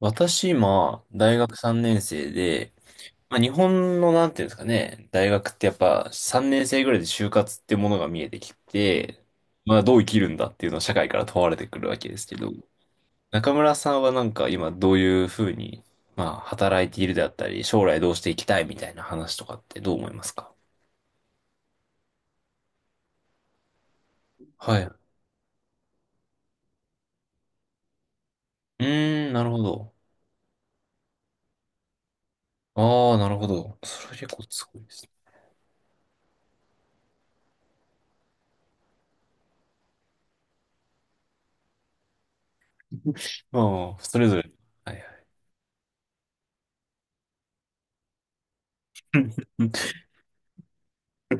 私、今、大学3年生で、まあ、日本の、なんていうんですかね、大学ってやっぱ3年生ぐらいで就活ってものが見えてきて、まあ、どう生きるんだっていうのを社会から問われてくるわけですけど、中村さんはなんか今どういうふうに、まあ、働いているであったり、将来どうしていきたいみたいな話とかってどう思いますか？はい。うーん、なるほど。ああ、なるほど。それ結構すごいですね。まあ、それぞれ。はいはい。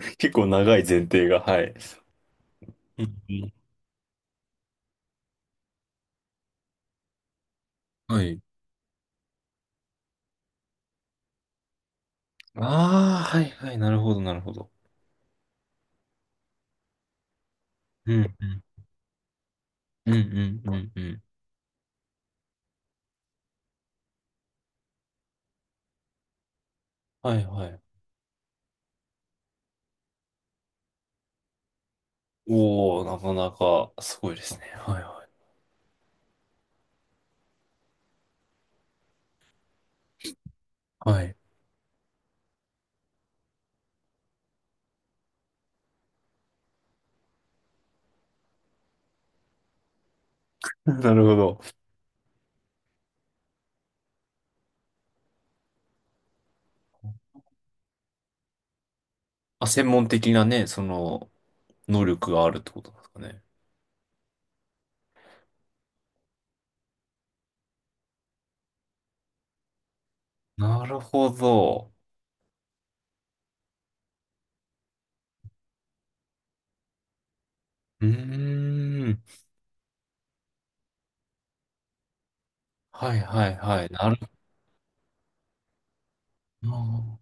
結構長い前提が、はい。うん、はい。ああ、はいはい、なるほど、なるほど。うん、うん、うん、うん、うんうん。はいはい。おお、なかなかすごいですね。はいはい。はい。なるほど。あ、専門的なね、その、能力があるってことなんですかね。なるほど。うーん。はいはいはい。なるほど。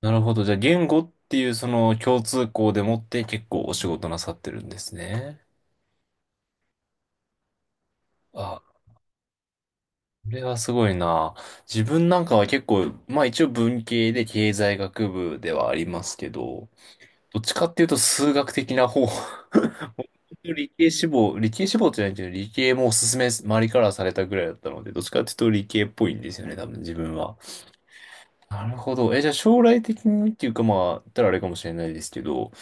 なるほど。じゃあ、言語っていうその共通項でもって結構お仕事なさってるんですね。あ、これはすごいな。自分なんかは結構、まあ一応文系で経済学部ではありますけど、どっちかっていうと数学的な方。理系志望、理系志望じゃないけど、理系もおすすめ、周りからされたぐらいだったので、どっちかっていうと理系っぽいんですよね、多分自分は。なるほど。え、じゃあ将来的にっていうかまあ、言ったらあれかもしれないですけど、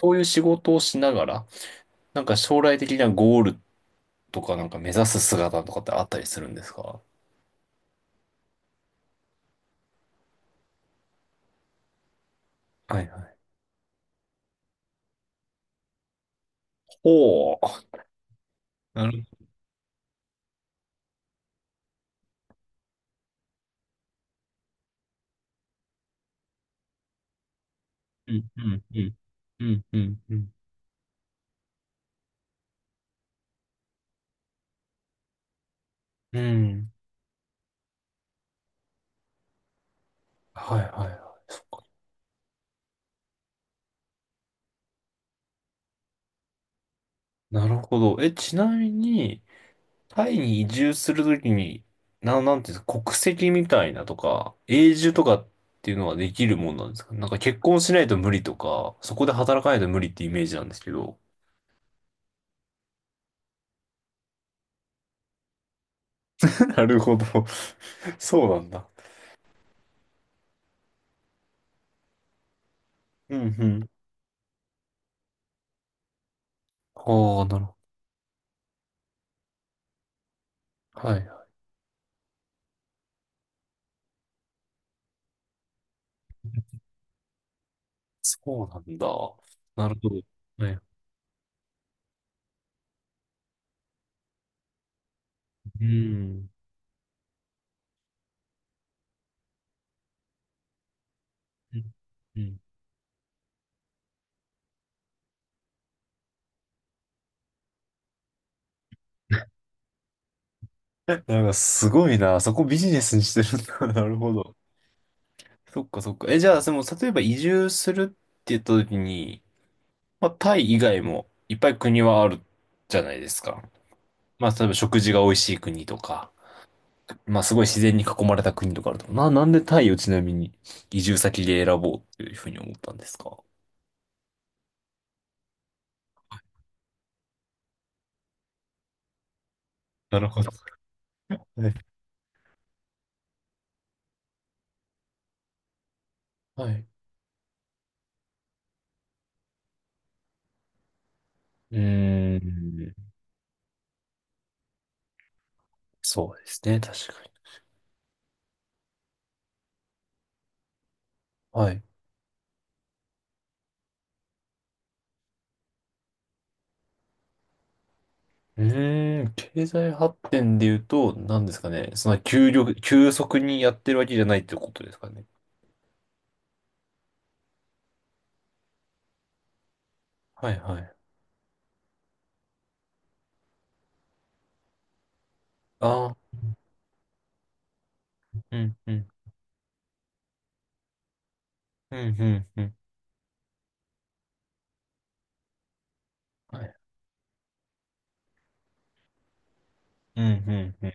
そういう仕事をしながら、なんか将来的なゴールとかなんか目指す姿とかってあったりするんですか？はいはい。おお。なるうん、うん、うん、うん、うん、うん。うん、はい、はい、はい。そっか。なるほど。え、ちなみに、タイに移住するときに、なんていうんですか、国籍みたいなとか、永住とかっていうのはできるもんなんですか？なんか結婚しないと無理とか、そこで働かないと無理ってイメージなんですけど。なるほど。そうなんだ。うん、うん。ああ、なるほど。はい。そうなんだ。なるほど。はい。うん。うん。うん。 なんかすごいな。そこビジネスにしてるんだ。なるほど。そっかそっか。え、じゃあ、その、例えば移住するって言った時に、まあ、タイ以外もいっぱい国はあるじゃないですか。まあ、例えば食事が美味しい国とか、まあ、すごい自然に囲まれた国とかあると思う。なんでタイをちなみに移住先で選ぼうっていうふうに思ったんですか？なるほど。はい。はい。うーん。そうですね。確かに。はい。うーん、経済発展で言うと、何ですかね。その急速にやってるわけじゃないってことですかね。はいはい。ああ、うん、うん、うん、うん、うん。はい。うん、うん、うん。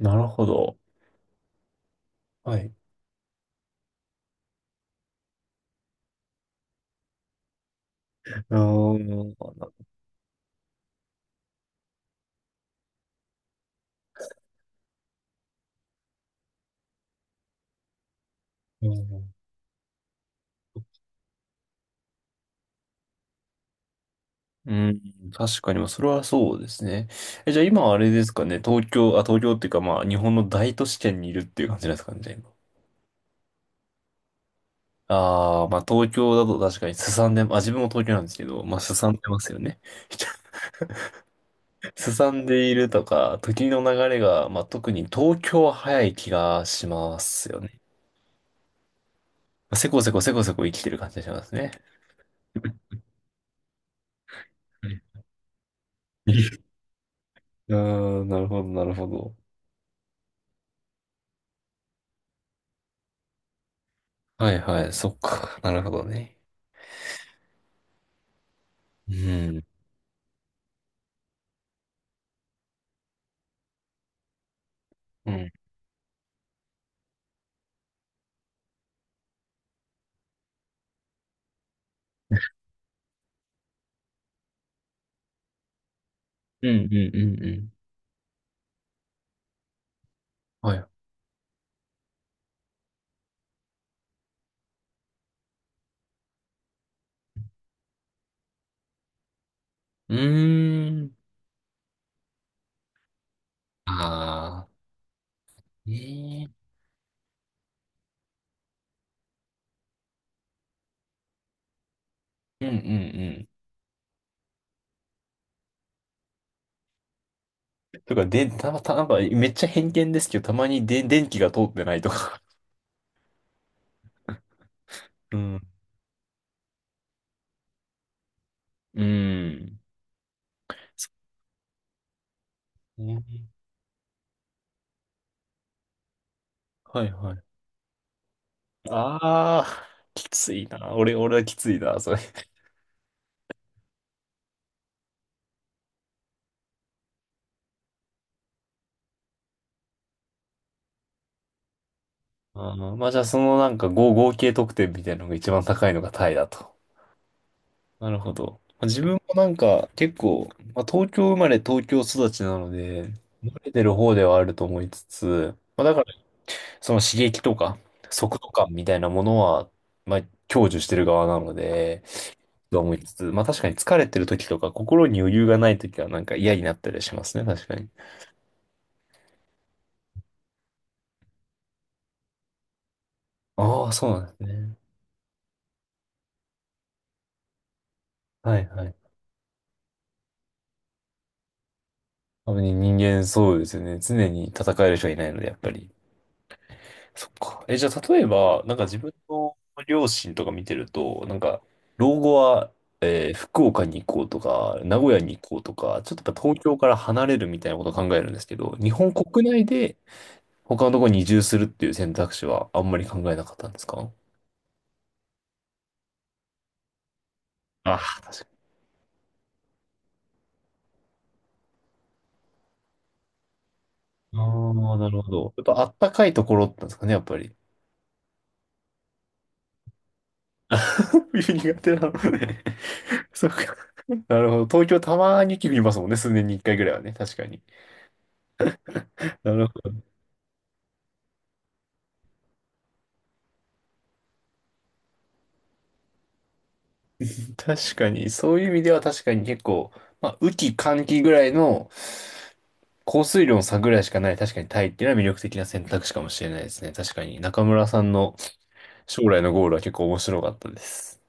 なるほど。はい。うーん、うん、うん、確かに、まあそれはそうですね。え、じゃあ今あれですかね、東京、あ、東京っていうか、まあ、日本の大都市圏にいるっていう感じなんですかね、じゃあ今。ああ、まあ東京だと確かにすさんで、あ、自分も東京なんですけど、まあすさんでますよね。すさんでいるとか、時の流れが、まあ、特に東京は早い気がしますよね。せこせこせこせこ生きてる感じがしますね。あ。 あー、なるほど、なるほど。はいはい、そっか、なるほどね。うん。うん。うん、うん、うん、うん。はい。うーん。ああ、ねえ。うん、うん、うん。とか、で、たまたま、なんか、めっちゃ偏見ですけど、たまにで、電気が通ってないとか。うん。うん。そうね。はいはい。ああ、きついな。俺はきついな、それ。あー、まあじゃあそのなんか合計得点みたいなのが一番高いのがタイだと。なるほど。まあ自分もなんか結構、まあ、東京生まれ東京育ちなので、慣れてる方ではあると思いつつ、まあだからその刺激とか速度感みたいなものは、まあ享受してる側なので、と思いつつ、まあ確かに疲れてる時とか心に余裕がない時はなんか嫌になったりしますね、確かに。ああ、そうなんですね。はいはい。多分人間そうですよね。常に戦える人がいないので、やっぱり。そっか。え、じゃあ例えば、なんか自分の両親とか見てると、なんか、老後は福岡に行こうとか、名古屋に行こうとか、ちょっとやっぱ東京から離れるみたいなことを考えるんですけど、日本国内で他のところに移住するっていう選択肢はあんまり考えなかったんですか？ああ、確かに。ああ、なるほど。やっぱあったかいところだったんですかね、やっぱり。冬苦手なので、そうか。なるほど。東京たまに雪降りますもんね。数年に一回ぐらいはね。確かに。なるほど。確かに。そういう意味では確かに結構、まあ、雨季、乾季ぐらいの降水量の差ぐらいしかない。確かにタイっていうのは魅力的な選択肢かもしれないですね。確かに。中村さんの将来のゴールは結構面白かったです。